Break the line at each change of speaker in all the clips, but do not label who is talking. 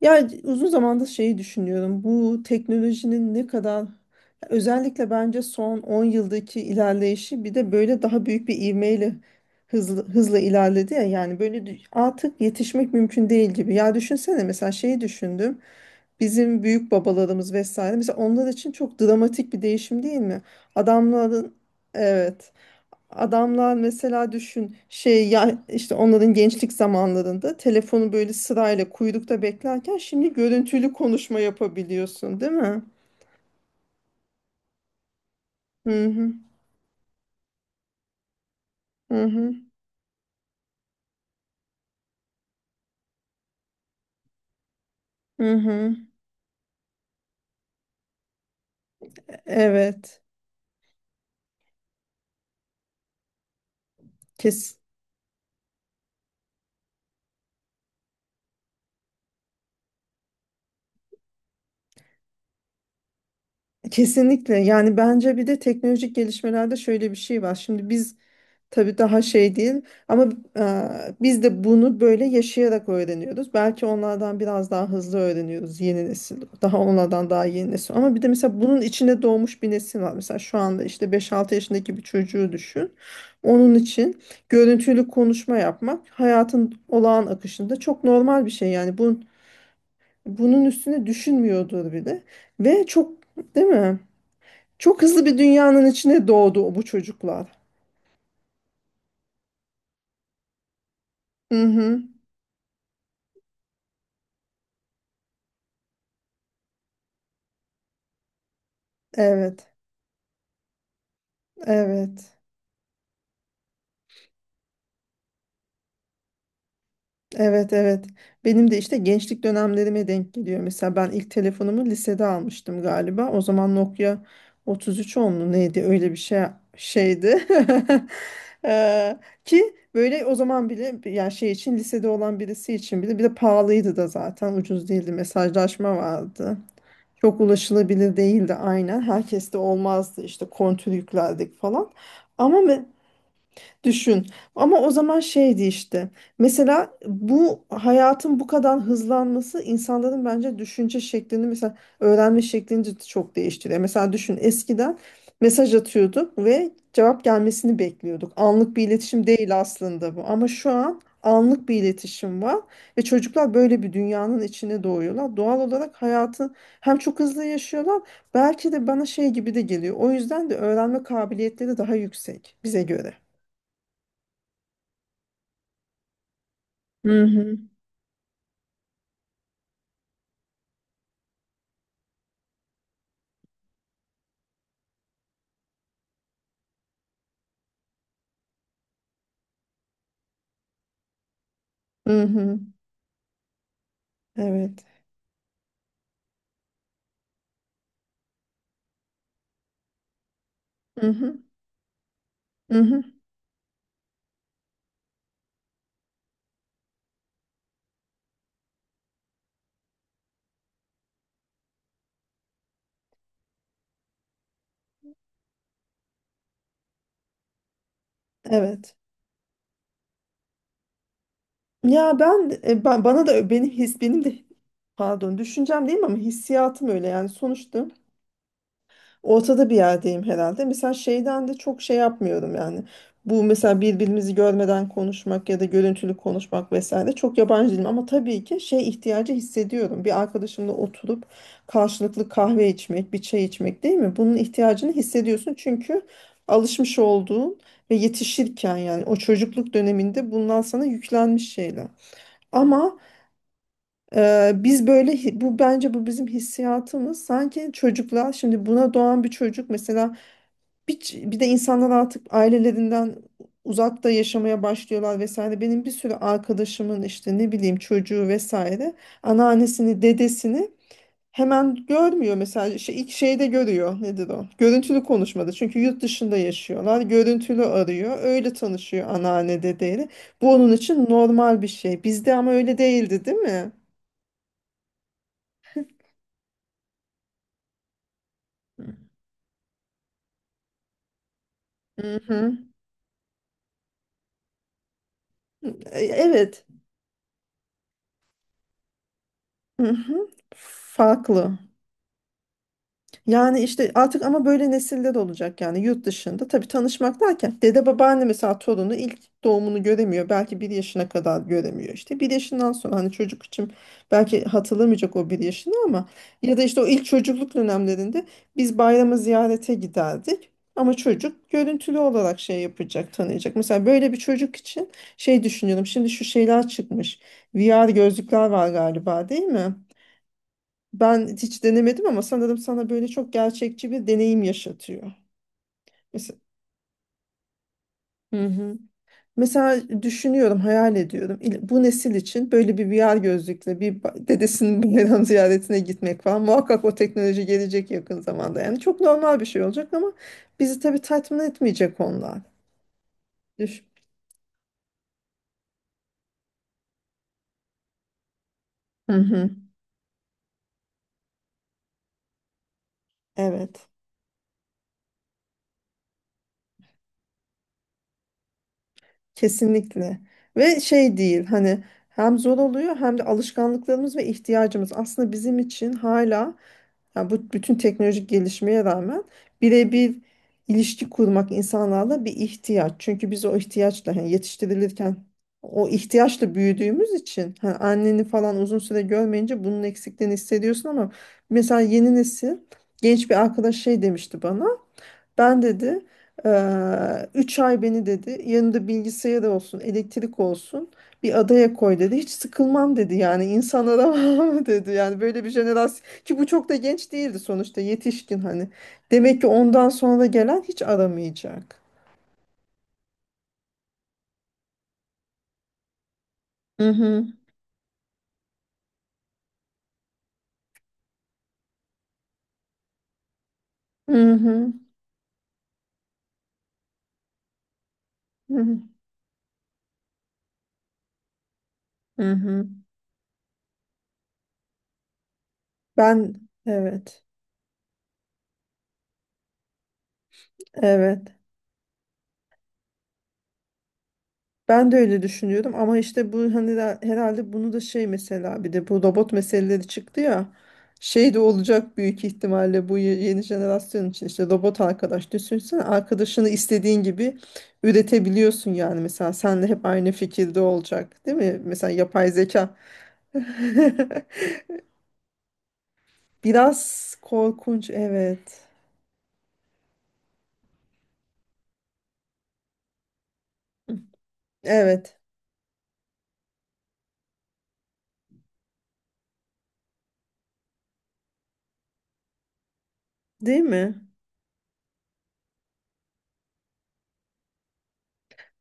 Ya uzun zamandır şeyi düşünüyorum. Bu teknolojinin ne kadar özellikle bence son 10 yıldaki ilerleyişi bir de böyle daha büyük bir ivmeyle hızla ilerledi ya yani artık yetişmek mümkün değil gibi. Ya düşünsene mesela şeyi düşündüm. Bizim büyük babalarımız vesaire mesela onlar için çok dramatik bir değişim değil mi? Adamların evet, adamlar mesela düşün şey ya işte onların gençlik zamanlarında telefonu böyle sırayla kuyrukta beklerken şimdi görüntülü konuşma yapabiliyorsun, değil mi? Hı hı. Hı hı. Hı hı. Evet. Kes, Kesinlikle. Yani bence bir de teknolojik gelişmelerde şöyle bir şey var. Şimdi biz tabii daha şey değil ama e, biz de bunu böyle yaşayarak öğreniyoruz. Belki onlardan biraz daha hızlı öğreniyoruz yeni nesil. Daha onlardan daha yeni nesil. Ama bir de mesela bunun içine doğmuş bir nesil var. Mesela şu anda işte beş-altı yaşındaki bir çocuğu düşün. Onun için görüntülü konuşma yapmak hayatın olağan akışında çok normal bir şey. Bunun üstüne düşünmüyordur bile. Ve çok değil mi? Çok hızlı bir dünyanın içine doğdu bu çocuklar. Hı hı, evet. Evet. Evet, evet. Benim de işte gençlik dönemlerime denk geliyor. Mesela ben ilk telefonumu lisede almıştım galiba. O zaman Nokia 33 10 mu neydi? Öyle bir şey şeydi. Eee, ki böyle o zaman bile yani şey için lisede olan birisi için bile bir de pahalıydı da zaten ucuz değildi. Mesajlaşma vardı. Çok ulaşılabilir değildi aynen. Herkeste olmazdı işte kontür yüklerdik falan. Ama me- Düşün. Ama o zaman şeydi işte. Mesela bu hayatın bu kadar hızlanması insanların bence düşünce şeklini mesela öğrenme şeklini de çok değiştiriyor. Mesela düşün eskiden mesaj atıyorduk ve cevap gelmesini bekliyorduk. Anlık bir iletişim değil aslında bu. Ama şu an anlık bir iletişim var ve çocuklar böyle bir dünyanın içine doğuyorlar. Doğal olarak hayatı hem çok hızlı yaşıyorlar, belki de bana şey gibi de geliyor. O yüzden de öğrenme kabiliyetleri daha yüksek bize göre. Hı hı. Hı hı. Evet. Hı hı. Hı hı. Evet. Ya ben bana da benim his benim de pardon düşüncem değil ama hissiyatım öyle yani sonuçta ortada bir yerdeyim herhalde. Mesela şeyden de çok şey yapmıyorum yani. Bu mesela birbirimizi görmeden konuşmak ya da görüntülü konuşmak vesaire çok yabancı değilim. Ama tabii ki şey ihtiyacı hissediyorum. Bir arkadaşımla oturup karşılıklı kahve içmek, bir çay içmek değil mi? Bunun ihtiyacını hissediyorsun çünkü alışmış olduğun ve yetişirken yani o çocukluk döneminde bundan sana yüklenmiş şeyler. Ama bu bence bu bizim hissiyatımız sanki çocuklar şimdi buna doğan bir çocuk mesela bir de insanlar artık ailelerinden uzakta yaşamaya başlıyorlar vesaire. Benim bir sürü arkadaşımın işte ne bileyim çocuğu vesaire anneannesini, dedesini hemen görmüyor mesela şey, ilk şeyde görüyor nedir o? Görüntülü konuşmada çünkü yurt dışında yaşıyorlar görüntülü arıyor öyle tanışıyor anneanne dedeyle. Bu onun için normal bir şey bizde ama öyle değildi değil mi? Hı. Hı. E, evet. Hı hı. Farklı. Yani işte artık ama böyle nesiller olacak yani yurt dışında. Tabii tanışmak derken dede babaanne mesela torunu ilk doğumunu göremiyor. Belki bir yaşına kadar göremiyor. İşte bir yaşından sonra hani çocuk için belki hatırlamayacak o bir yaşını ama ya da işte o ilk çocukluk dönemlerinde biz bayramı ziyarete giderdik. Ama çocuk görüntülü olarak şey yapacak, tanıyacak. Mesela böyle bir çocuk için şey düşünüyorum. Şimdi şu şeyler çıkmış. VR gözlükler var galiba değil mi? Ben hiç denemedim ama sanırım sana böyle çok gerçekçi bir deneyim yaşatıyor. Mesela, hı hı, mesela düşünüyorum, hayal ediyorum. Bu nesil için böyle bir VR gözlükle dedesinin bayram ziyaretine gitmek falan muhakkak o teknoloji gelecek yakın zamanda. Yani çok normal bir şey olacak ama bizi tabii tatmin etmeyecek onlar. Düş. Hı hı. Evet, kesinlikle. Ve şey değil hani hem zor oluyor hem de alışkanlıklarımız ve ihtiyacımız aslında bizim için hala, yani bu bütün teknolojik gelişmeye rağmen birebir ilişki kurmak insanlarla bir ihtiyaç. Çünkü biz o ihtiyaçla hani yetiştirilirken o ihtiyaçla büyüdüğümüz için hani anneni falan uzun süre görmeyince bunun eksikliğini hissediyorsun ama mesela yeni nesil genç bir arkadaş şey demişti bana. Ben dedi 3 ay beni dedi yanında bilgisayar olsun elektrik olsun bir adaya koy dedi hiç sıkılmam dedi yani insan aramam dedi yani böyle bir jenerasyon ki bu çok da genç değildi sonuçta yetişkin hani demek ki ondan sonra gelen hiç aramayacak. Hı hı, hı hı, hı hı. Hı hı. Ben evet, evet. Ben de öyle düşünüyordum ama işte bu hani herhalde bunu da şey mesela bir de bu robot meseleleri çıktı ya şey de olacak büyük ihtimalle bu yeni jenerasyon için işte robot arkadaş düşünsene arkadaşını istediğin gibi üretebiliyorsun yani mesela senle hep aynı fikirde olacak değil mi? Mesela yapay zeka biraz korkunç evet, evet değil mi?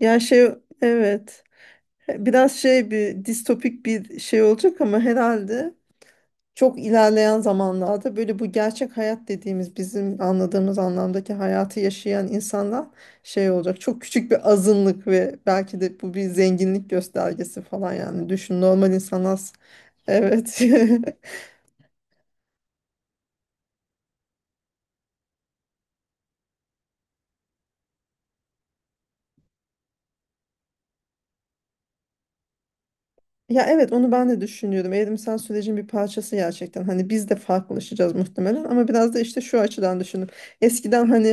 Ya şey evet biraz şey bir distopik bir şey olacak ama herhalde çok ilerleyen zamanlarda böyle bu gerçek hayat dediğimiz bizim anladığımız anlamdaki hayatı yaşayan insanlar şey olacak. Çok küçük bir azınlık ve belki de bu bir zenginlik göstergesi falan yani. Düşün normal insanlar evet ya evet onu ben de düşünüyordum. Evrimsel sürecin bir parçası gerçekten. Hani biz de farklılaşacağız muhtemelen ama biraz da işte şu açıdan düşündüm. Eskiden hani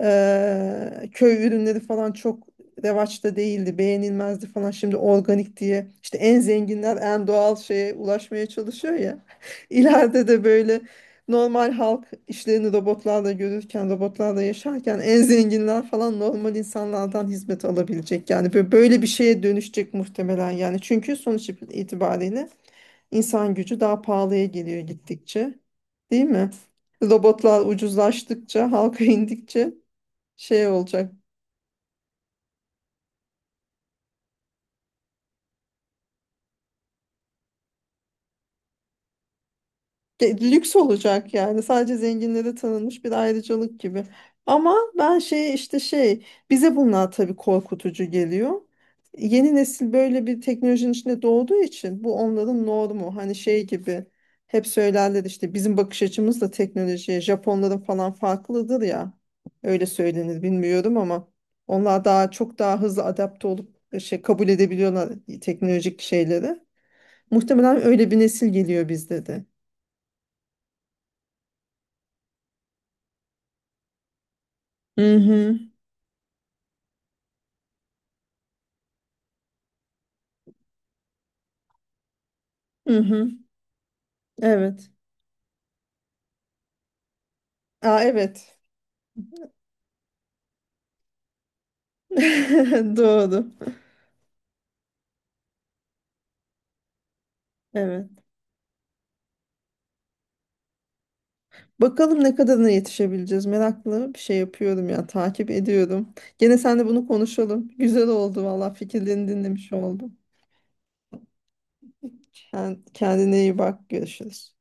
köy ürünleri falan çok revaçta değildi, beğenilmezdi falan. Şimdi organik diye işte en zenginler en doğal şeye ulaşmaya çalışıyor ya. İleride de böyle normal halk işlerini robotlarla görürken, robotlarla yaşarken en zenginler falan normal insanlardan hizmet alabilecek. Yani böyle bir şeye dönüşecek muhtemelen yani. Çünkü sonuç itibariyle insan gücü daha pahalıya geliyor gittikçe. Değil mi? Robotlar ucuzlaştıkça, halka indikçe şey olacak. Lüks olacak yani sadece zenginlere tanınmış bir ayrıcalık gibi. Ama ben şey işte şey bize bunlar tabii korkutucu geliyor. Yeni nesil böyle bir teknolojinin içinde doğduğu için bu onların normu. Hani şey gibi hep söylerler işte bizim bakış açımız da teknolojiye Japonların falan farklıdır ya. Öyle söylenir bilmiyorum ama onlar daha çok daha hızlı adapte olup şey kabul edebiliyorlar teknolojik şeyleri. Muhtemelen öyle bir nesil geliyor bizde de. Hı hı. Hı hı. Evet. Aa evet. Doğru. Evet. Bakalım ne kadarına yetişebileceğiz. Meraklı bir şey yapıyorum ya. Takip ediyorum. Gene seninle bunu konuşalım. Güzel oldu valla. Fikirlerini dinlemiş oldum. Kendine iyi bak. Görüşürüz.